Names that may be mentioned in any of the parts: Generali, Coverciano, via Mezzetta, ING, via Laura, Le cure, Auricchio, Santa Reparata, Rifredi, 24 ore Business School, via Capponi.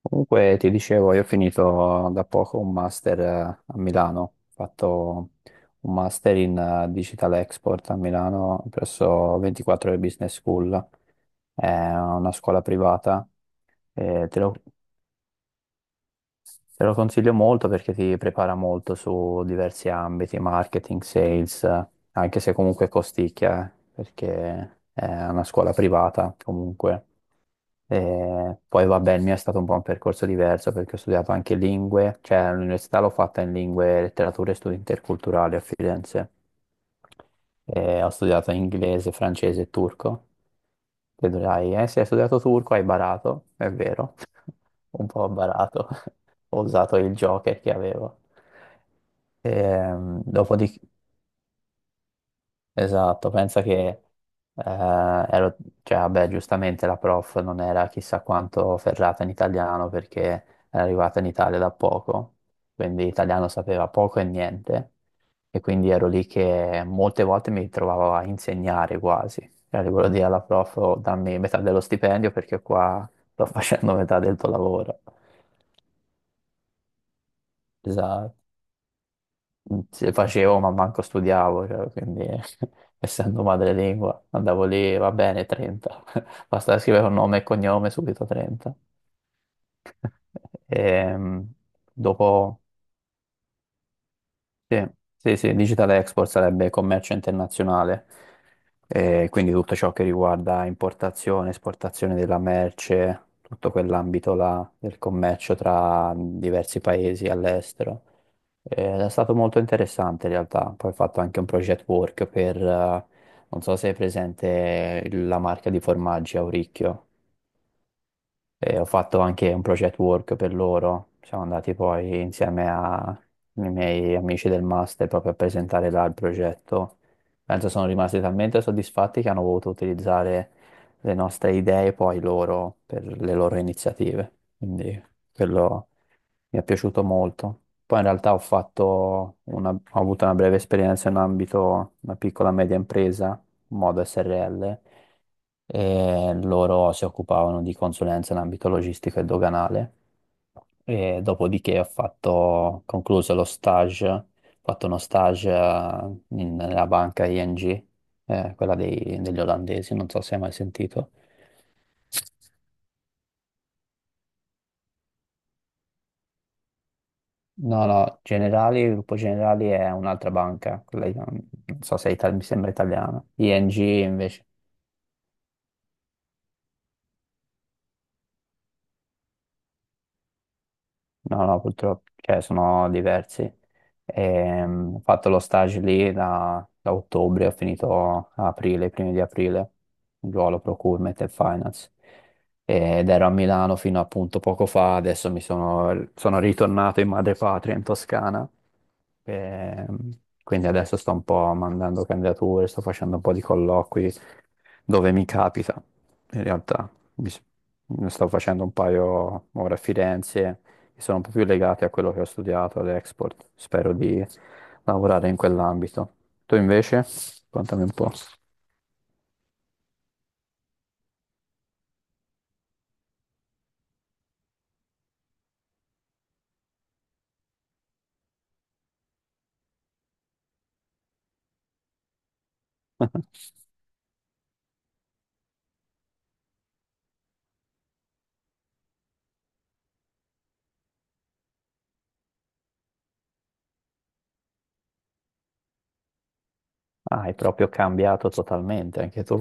Comunque ti dicevo, io ho finito da poco un master a Milano, ho fatto un master in Digital Export a Milano presso 24 ore Business School, è una scuola privata, e te lo, te lo consiglio molto perché ti prepara molto su diversi ambiti, marketing, sales, anche se comunque costicchia, perché è una scuola privata comunque. E poi vabbè, il mio è stato un po' un percorso diverso perché ho studiato anche lingue, cioè all'università l'ho fatta in lingue, letterature e studi interculturali a Firenze. E ho studiato inglese, francese e turco. E dirai, se hai studiato turco hai barato, è vero, un po' ho barato, ho usato il Joker che avevo. Dopodiché esatto, pensa che eh, ero, cioè, vabbè, giustamente la prof non era chissà quanto ferrata in italiano perché era arrivata in Italia da poco, quindi italiano sapeva poco e niente, e quindi ero lì che molte volte mi trovavo a insegnare quasi. Cioè, le volevo dire alla prof, "Oh, dammi metà dello stipendio perché qua sto facendo metà del tuo lavoro." Esatto. Se facevo, ma manco studiavo, cioè, quindi essendo madrelingua andavo lì, va bene, 30. Basta scrivere un nome e cognome, subito 30. Ehm, Dopo sì, sì, sì, digital export sarebbe commercio internazionale, quindi tutto ciò che riguarda importazione, esportazione della merce, tutto quell'ambito là del commercio tra diversi paesi all'estero. È stato molto interessante in realtà, poi ho fatto anche un project work per, non so se è presente la marca di formaggi Auricchio. E ho fatto anche un project work per loro. Siamo andati poi insieme ai miei amici del master proprio a presentare là il progetto. Penso sono rimasti talmente soddisfatti che hanno voluto utilizzare le nostre idee poi loro per le loro iniziative. Quindi quello mi è piaciuto molto. Poi in realtà ho avuto una breve esperienza in ambito una piccola e media impresa, modo SRL, e loro si occupavano di consulenza in ambito logistico e doganale, e dopodiché ho fatto, concluso lo stage, ho fatto uno stage nella banca ING, quella degli olandesi, non so se hai mai sentito. No, no, Generali, il Gruppo Generali è un'altra banca, quella, non so se è mi sembra italiana. ING invece no, no, purtroppo, cioè, sono diversi. Ho fatto lo stage lì da ottobre, ho finito a aprile, i primi di aprile, ruolo procurement e finance. Ed ero a Milano fino appunto poco fa, adesso sono ritornato in madrepatria, in Toscana. Quindi adesso sto un po' mandando candidature, sto facendo un po' di colloqui, dove mi capita. In realtà mi s- ne sto facendo un paio ora a Firenze che sono un po' più legati a quello che ho studiato all'Export. Spero di lavorare in quell'ambito. Tu invece? Contami un po'. Ah, hai proprio cambiato totalmente anche tu.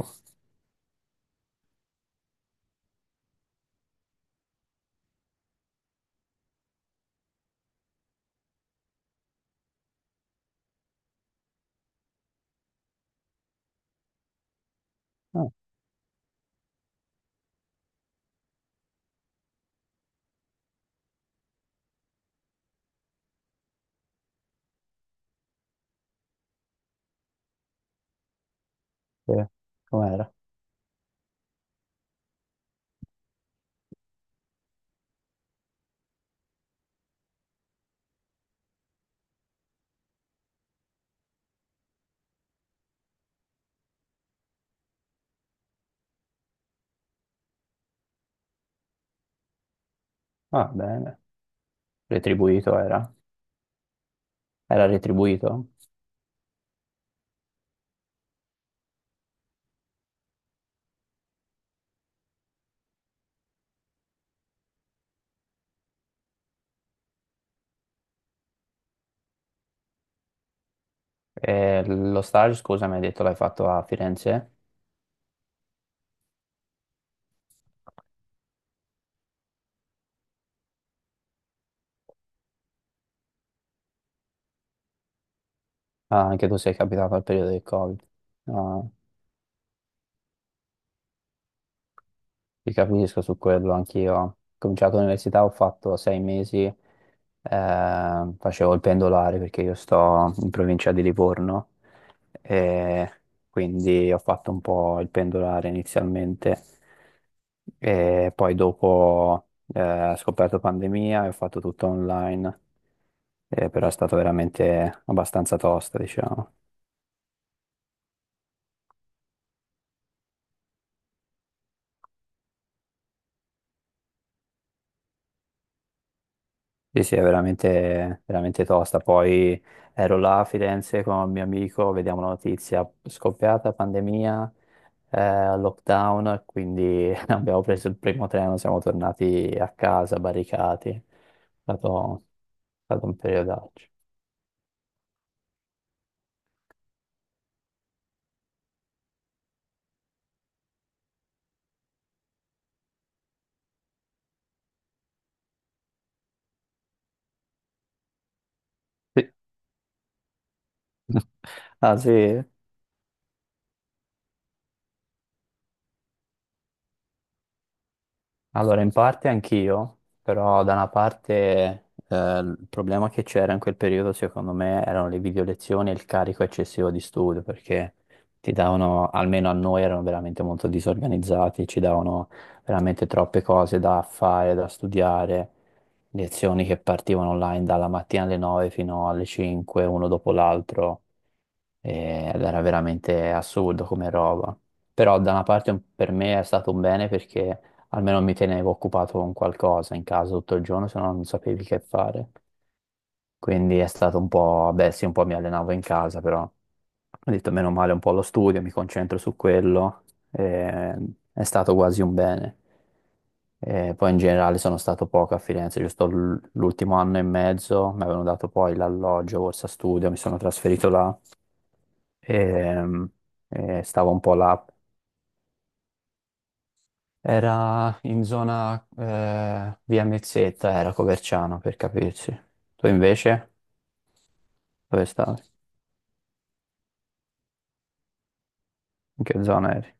Ah, sì. Com'era? Ah, bene. Retribuito era? Era retribuito? E lo stage, scusa, mi hai detto l'hai fatto a Firenze? Ah, anche tu sei capitato al periodo del Covid. Ah. Ti capisco su quello, anch'io. Ho cominciato l'università, ho fatto 6 mesi, facevo il pendolare perché io sto in provincia di Livorno, e quindi ho fatto un po' il pendolare inizialmente e poi dopo ho scoperto pandemia e ho fatto tutto online, però è stato veramente abbastanza tosta, diciamo. Sì, sì, è veramente, veramente tosta. Poi ero là a Firenze con un mio amico, vediamo la notizia, scoppiata pandemia, lockdown, quindi abbiamo preso il primo treno, siamo tornati a casa, barricati. È stato un periodaccio. Sì. Ah sì? Allora, in parte anch'io, però da una parte il problema che c'era in quel periodo secondo me erano le video lezioni e il carico eccessivo di studio perché ti davano, almeno a noi erano veramente molto disorganizzati, ci davano veramente troppe cose da fare, da studiare, lezioni che partivano online dalla mattina alle 9 fino alle 5, uno dopo l'altro, ed era veramente assurdo come roba. Però da una parte per me è stato un bene perché almeno mi tenevo occupato con qualcosa in casa tutto il giorno, se no non sapevi che fare. Quindi è stato un po', beh sì, un po' mi allenavo in casa, però ho detto meno male un po' lo studio, mi concentro su quello, eh, è stato quasi un bene. Poi in generale sono stato poco a Firenze, giusto l'ultimo anno e mezzo, mi avevano dato poi l'alloggio, borsa studio, mi sono trasferito là e, e stavo un po' là. Era in zona via Mezzetta, era Coverciano per capirsi. Tu invece dove stavi? In che zona eri?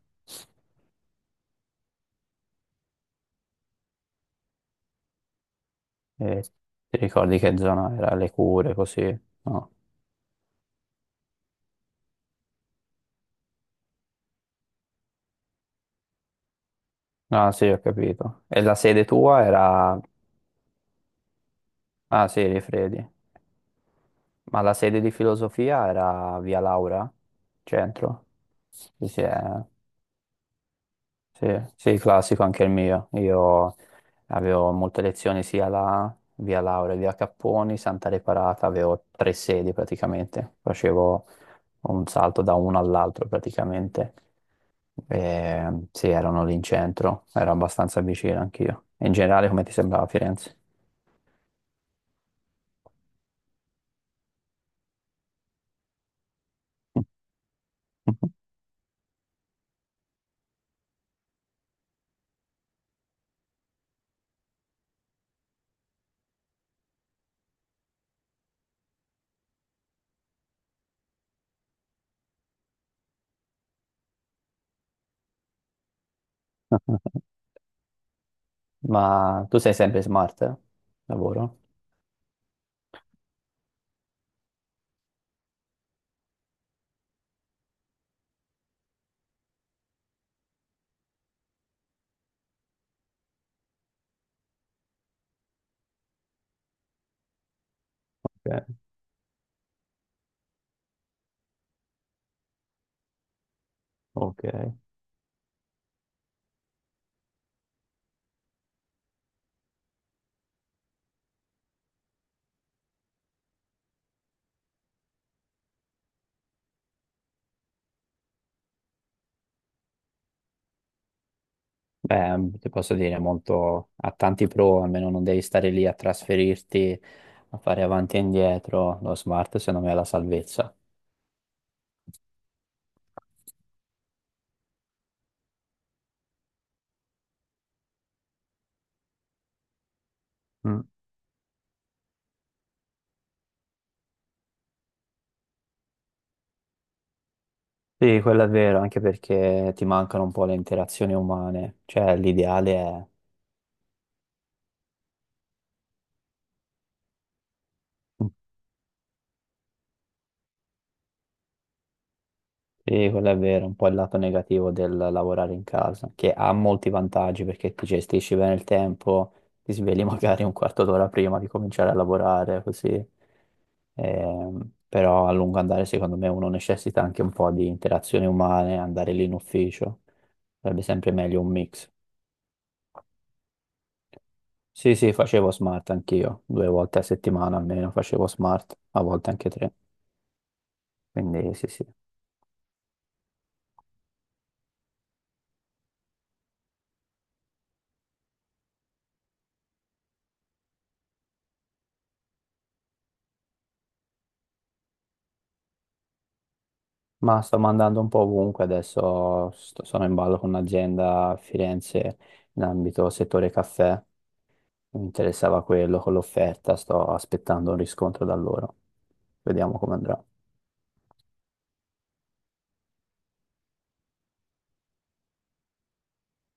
E ti ricordi che zona era? Le cure, così? No. Ah sì, ho capito. E la sede tua era... Ah sì, Rifredi. Ma la sede di filosofia era via Laura? Centro? Sì, sì, eh. Sì, sì, classico anche il mio. Io avevo molte lezioni sia la via Laura, via Capponi, Santa Reparata, avevo tre sedi praticamente, facevo un salto da uno all'altro praticamente. E, sì, erano lì in centro, ero abbastanza vicino anch'io. In generale, come ti sembrava Firenze? Ma tu sei sempre smart? Eh? Lavoro? Ok, ok. Beh, ti posso dire, molto, ha tanti pro, almeno non devi stare lì a trasferirti, a fare avanti e indietro. Lo smart, secondo me, è la salvezza. Mm. Sì, quello è vero, anche perché ti mancano un po' le interazioni umane. Cioè, l'ideale è... Mm. Sì, quello è vero, un po' il lato negativo del lavorare in casa, che ha molti vantaggi perché ti gestisci bene il tempo, ti svegli magari un quarto d'ora prima di cominciare a lavorare, così. Ehm, Però a lungo andare secondo me uno necessita anche un po' di interazioni umane, andare lì in ufficio, sarebbe sempre meglio un mix. Sì, sì, facevo smart anch'io, 2 volte a settimana almeno facevo smart, a volte anche tre, quindi sì, sì. Ma sto mandando un po' ovunque, sono in ballo con un'azienda a Firenze in ambito settore caffè, mi interessava quello con l'offerta, sto aspettando un riscontro da loro, vediamo come andrà.